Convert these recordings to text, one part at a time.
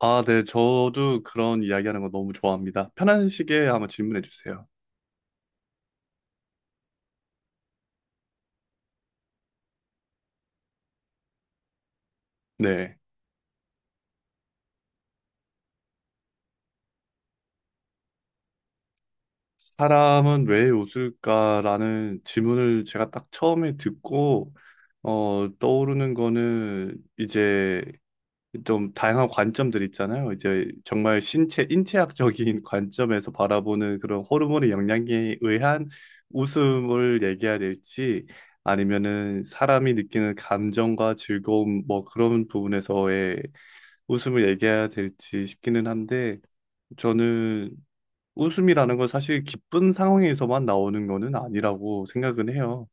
아, 네. 저도 그런 이야기하는 거 너무 좋아합니다. 편한 시기에 한번 질문해 주세요. 네. 사람은 왜 웃을까라는 질문을 제가 딱 처음에 듣고, 떠오르는 거는 이제 좀 다양한 관점들 있잖아요. 이제 정말 신체, 인체학적인 관점에서 바라보는 그런 호르몬의 영향에 의한 웃음을 얘기해야 될지, 아니면은 사람이 느끼는 감정과 즐거움, 뭐 그런 부분에서의 웃음을 얘기해야 될지 싶기는 한데 저는 웃음이라는 건 사실 기쁜 상황에서만 나오는 거는 아니라고 생각은 해요.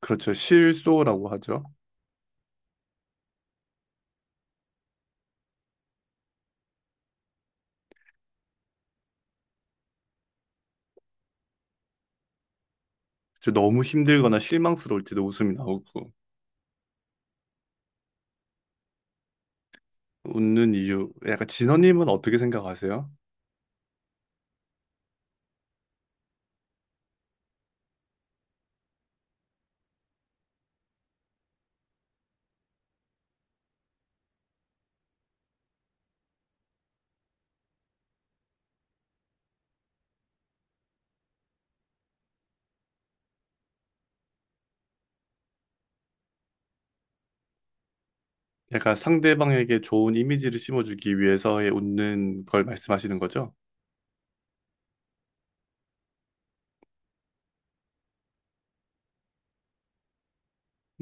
그렇죠. 실소라고 하죠. 그렇죠. 너무 힘들거나 실망스러울 때도 웃음이 나오고 웃는 이유. 약간 진호님은 어떻게 생각하세요? 약간 상대방에게 좋은 이미지를 심어주기 위해서의 웃는 걸 말씀하시는 거죠?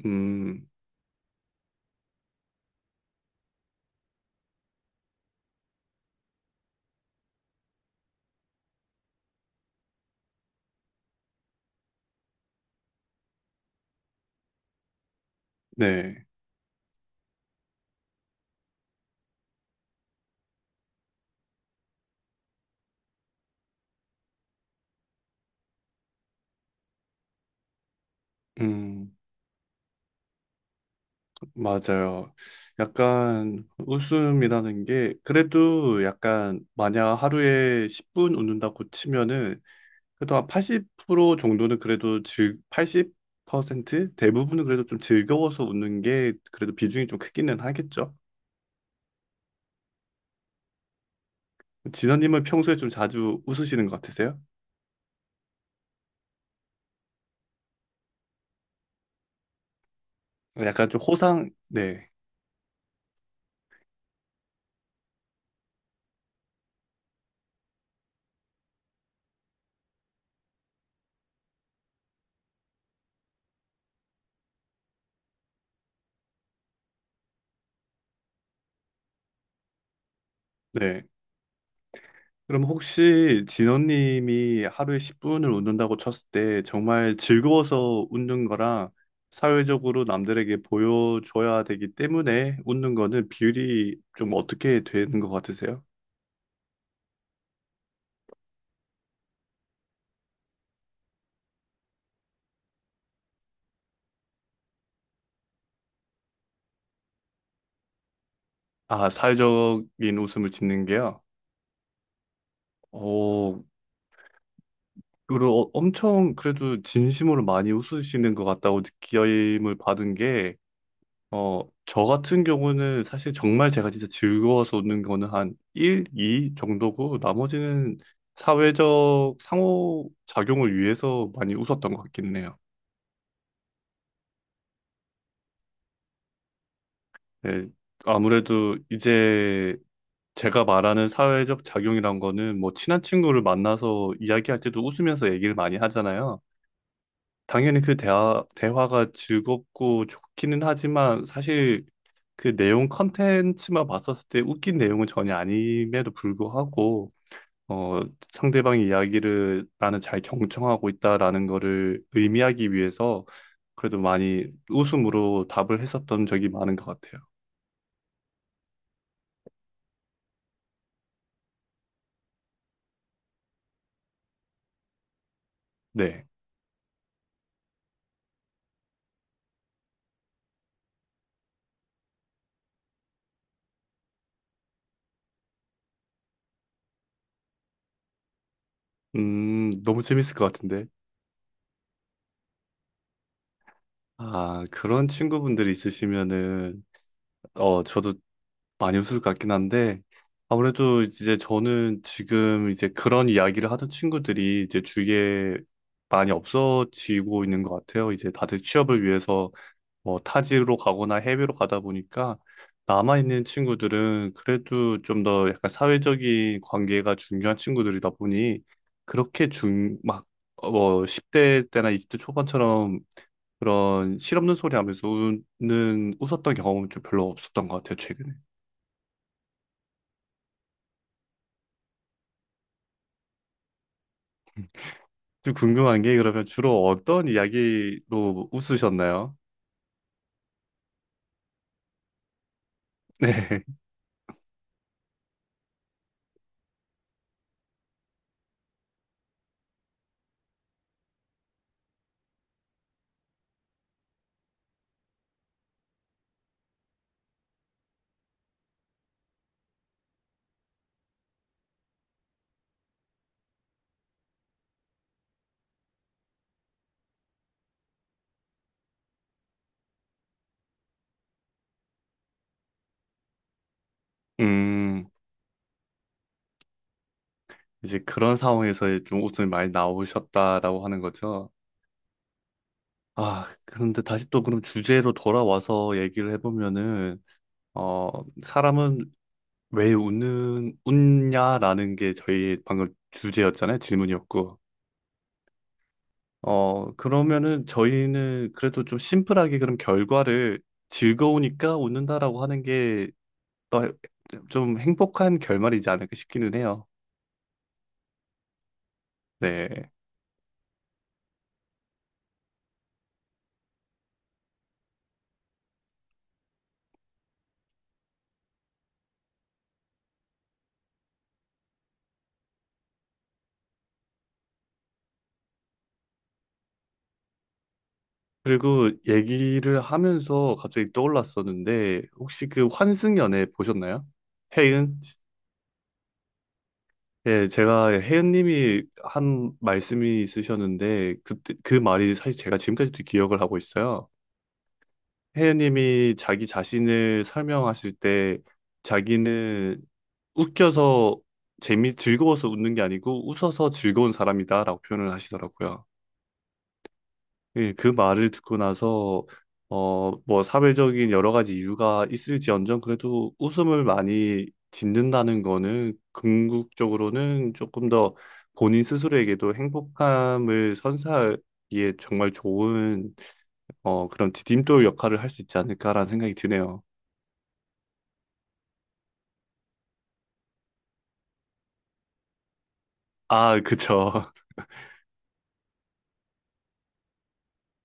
음, 네. 음. 맞아요. 약간 웃음이라는 게 그래도 약간 만약 하루에 10분 웃는다고 치면은 그래도 한 80% 정도는 그래도 즐 80% 대부분은 그래도 좀 즐거워서 웃는 게 그래도 비중이 좀 크기는 하겠죠. 진원님은 평소에 좀 자주 웃으시는 것 같으세요? 약간 좀 호상 네. 네. 그럼 혹시 진원님이 하루에 10분을 웃는다고 쳤을 때 정말 즐거워서 웃는 거랑 사회적으로 남들에게 보여줘야 되기 때문에 웃는 거는 비율이 좀 어떻게 되는 것 같으세요? 아, 사회적인 웃음을 짓는 게요? 어, 그리고 엄청 그래도 진심으로 많이 웃으시는 것 같다고 느낌을 받은 게 저 같은 경우는 사실 정말 제가 진짜 즐거워서 오는 거는 한 1, 2 정도고 나머지는 사회적 상호작용을 위해서 많이 웃었던 것 같긴 해요. 네, 아무래도 이제 제가 말하는 사회적 작용이란 거는 뭐 친한 친구를 만나서 이야기할 때도 웃으면서 얘기를 많이 하잖아요. 당연히 그 대화가 즐겁고 좋기는 하지만 사실 그 내용 컨텐츠만 봤었을 때 웃긴 내용은 전혀 아님에도 불구하고 어, 상대방의 이야기를 나는 잘 경청하고 있다라는 거를 의미하기 위해서 그래도 많이 웃음으로 답을 했었던 적이 많은 것 같아요. 네. 너무 재밌을 것 같은데. 아, 그런 친구분들이 있으시면은, 저도 많이 웃을 것 같긴 한데, 아무래도 이제 저는 지금 이제 그런 이야기를 하던 친구들이 이제 주위에 많이 없어지고 있는 것 같아요. 이제 다들 취업을 위해서 뭐 타지로 가거나 해외로 가다 보니까 남아있는 친구들은 그래도 좀 더 약간 사회적인 관계가 중요한 친구들이다 보니 그렇게 막, 뭐 10대 때나 20대 초반처럼 그런 실없는 소리 하면서 웃었던 경험은 좀 별로 없었던 것 같아요, 최근에. 음. 좀 궁금한 게 그러면 주로 어떤 이야기로 웃으셨나요? 네. 음, 이제 그런 상황에서 좀 웃음이 많이 나오셨다라고 하는 거죠. 아, 그런데 다시 또 그럼 주제로 돌아와서 얘기를 해보면은, 어, 사람은 왜 웃냐라는 게 저희 방금 주제였잖아요. 질문이었고. 그러면은 저희는 그래도 좀 심플하게 그럼 결과를 즐거우니까 웃는다라고 하는 게 좀 행복한 결말이지 않을까 싶기는 해요. 네. 그리고 얘기를 하면서 갑자기 떠올랐었는데, 혹시 그 환승연애 보셨나요? 해은? 예, 제가 혜은님이 한 말씀이 있으셨는데 그때 그 말이 사실 제가 지금까지도 기억을 하고 있어요. 혜은님이 자기 자신을 설명하실 때 자기는 웃겨서 재미 즐거워서 웃는 게 아니고 웃어서 즐거운 사람이다라고 표현을 하시더라고요. 예, 그 말을 듣고 나서 뭐 사회적인 여러 가지 이유가 있을지언정 그래도 웃음을 많이 짓는다는 거는 궁극적으로는 조금 더 본인 스스로에게도 행복함을 선사하기에 정말 좋은 그런 디딤돌 역할을 할 수 있지 않을까라는 생각이 드네요. 아, 그쵸.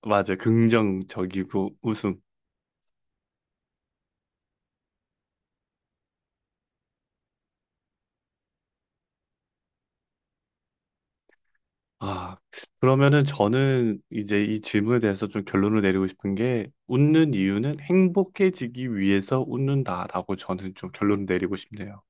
맞아요. 긍정적이고 웃음. 아, 그러면은 저는 이제 이 질문에 대해서 좀 결론을 내리고 싶은 게 웃는 이유는 행복해지기 위해서 웃는다라고 저는 좀 결론을 내리고 싶네요.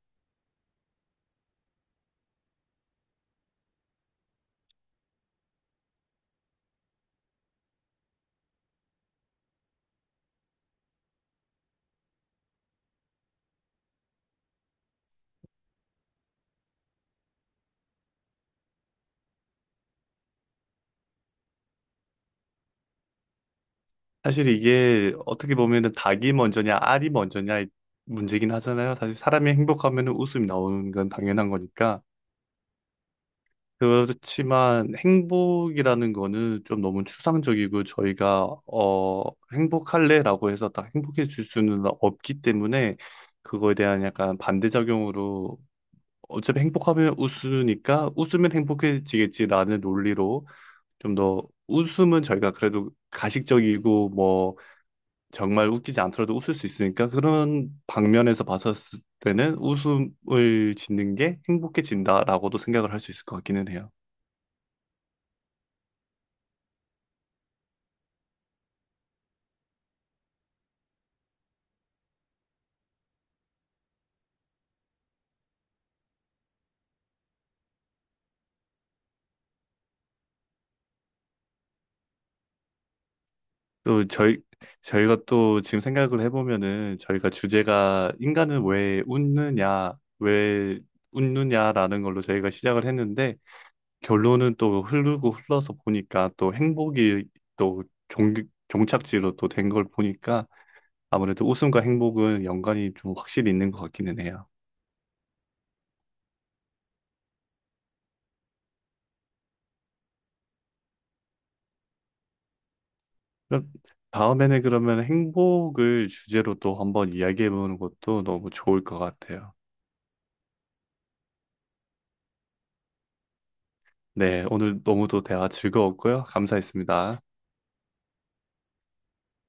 사실 이게 어떻게 보면은 닭이 먼저냐 알이 먼저냐 문제긴 하잖아요. 사실 사람이 행복하면은 웃음이 나오는 건 당연한 거니까. 그렇지만 행복이라는 거는 좀 너무 추상적이고 저희가 행복할래라고 해서 딱 행복해질 수는 없기 때문에 그거에 대한 약간 반대작용으로 어차피 행복하면 웃으니까 웃으면 행복해지겠지라는 논리로 좀 더 웃음은 저희가 그래도 가식적이고 뭐 정말 웃기지 않더라도 웃을 수 있으니까 그런 방면에서 봤었을 때는 웃음을 짓는 게 행복해진다라고도 생각을 할 수 있을 것 같기는 해요. 또 저희가 또 지금 생각을 해보면은 저희가 주제가 인간은 왜 웃느냐라는 걸로 저희가 시작을 했는데 결론은 또 흐르고 흘러서 보니까 또 행복이 또 종, 종착지로 또 된 걸 보니까 아무래도 웃음과 행복은 연관이 좀 확실히 있는 것 같기는 해요. 그럼 다음에는 그러면 행복을 주제로 또 한번 이야기해보는 것도 너무 좋을 것 같아요. 네, 오늘 너무도 대화 즐거웠고요. 감사했습니다.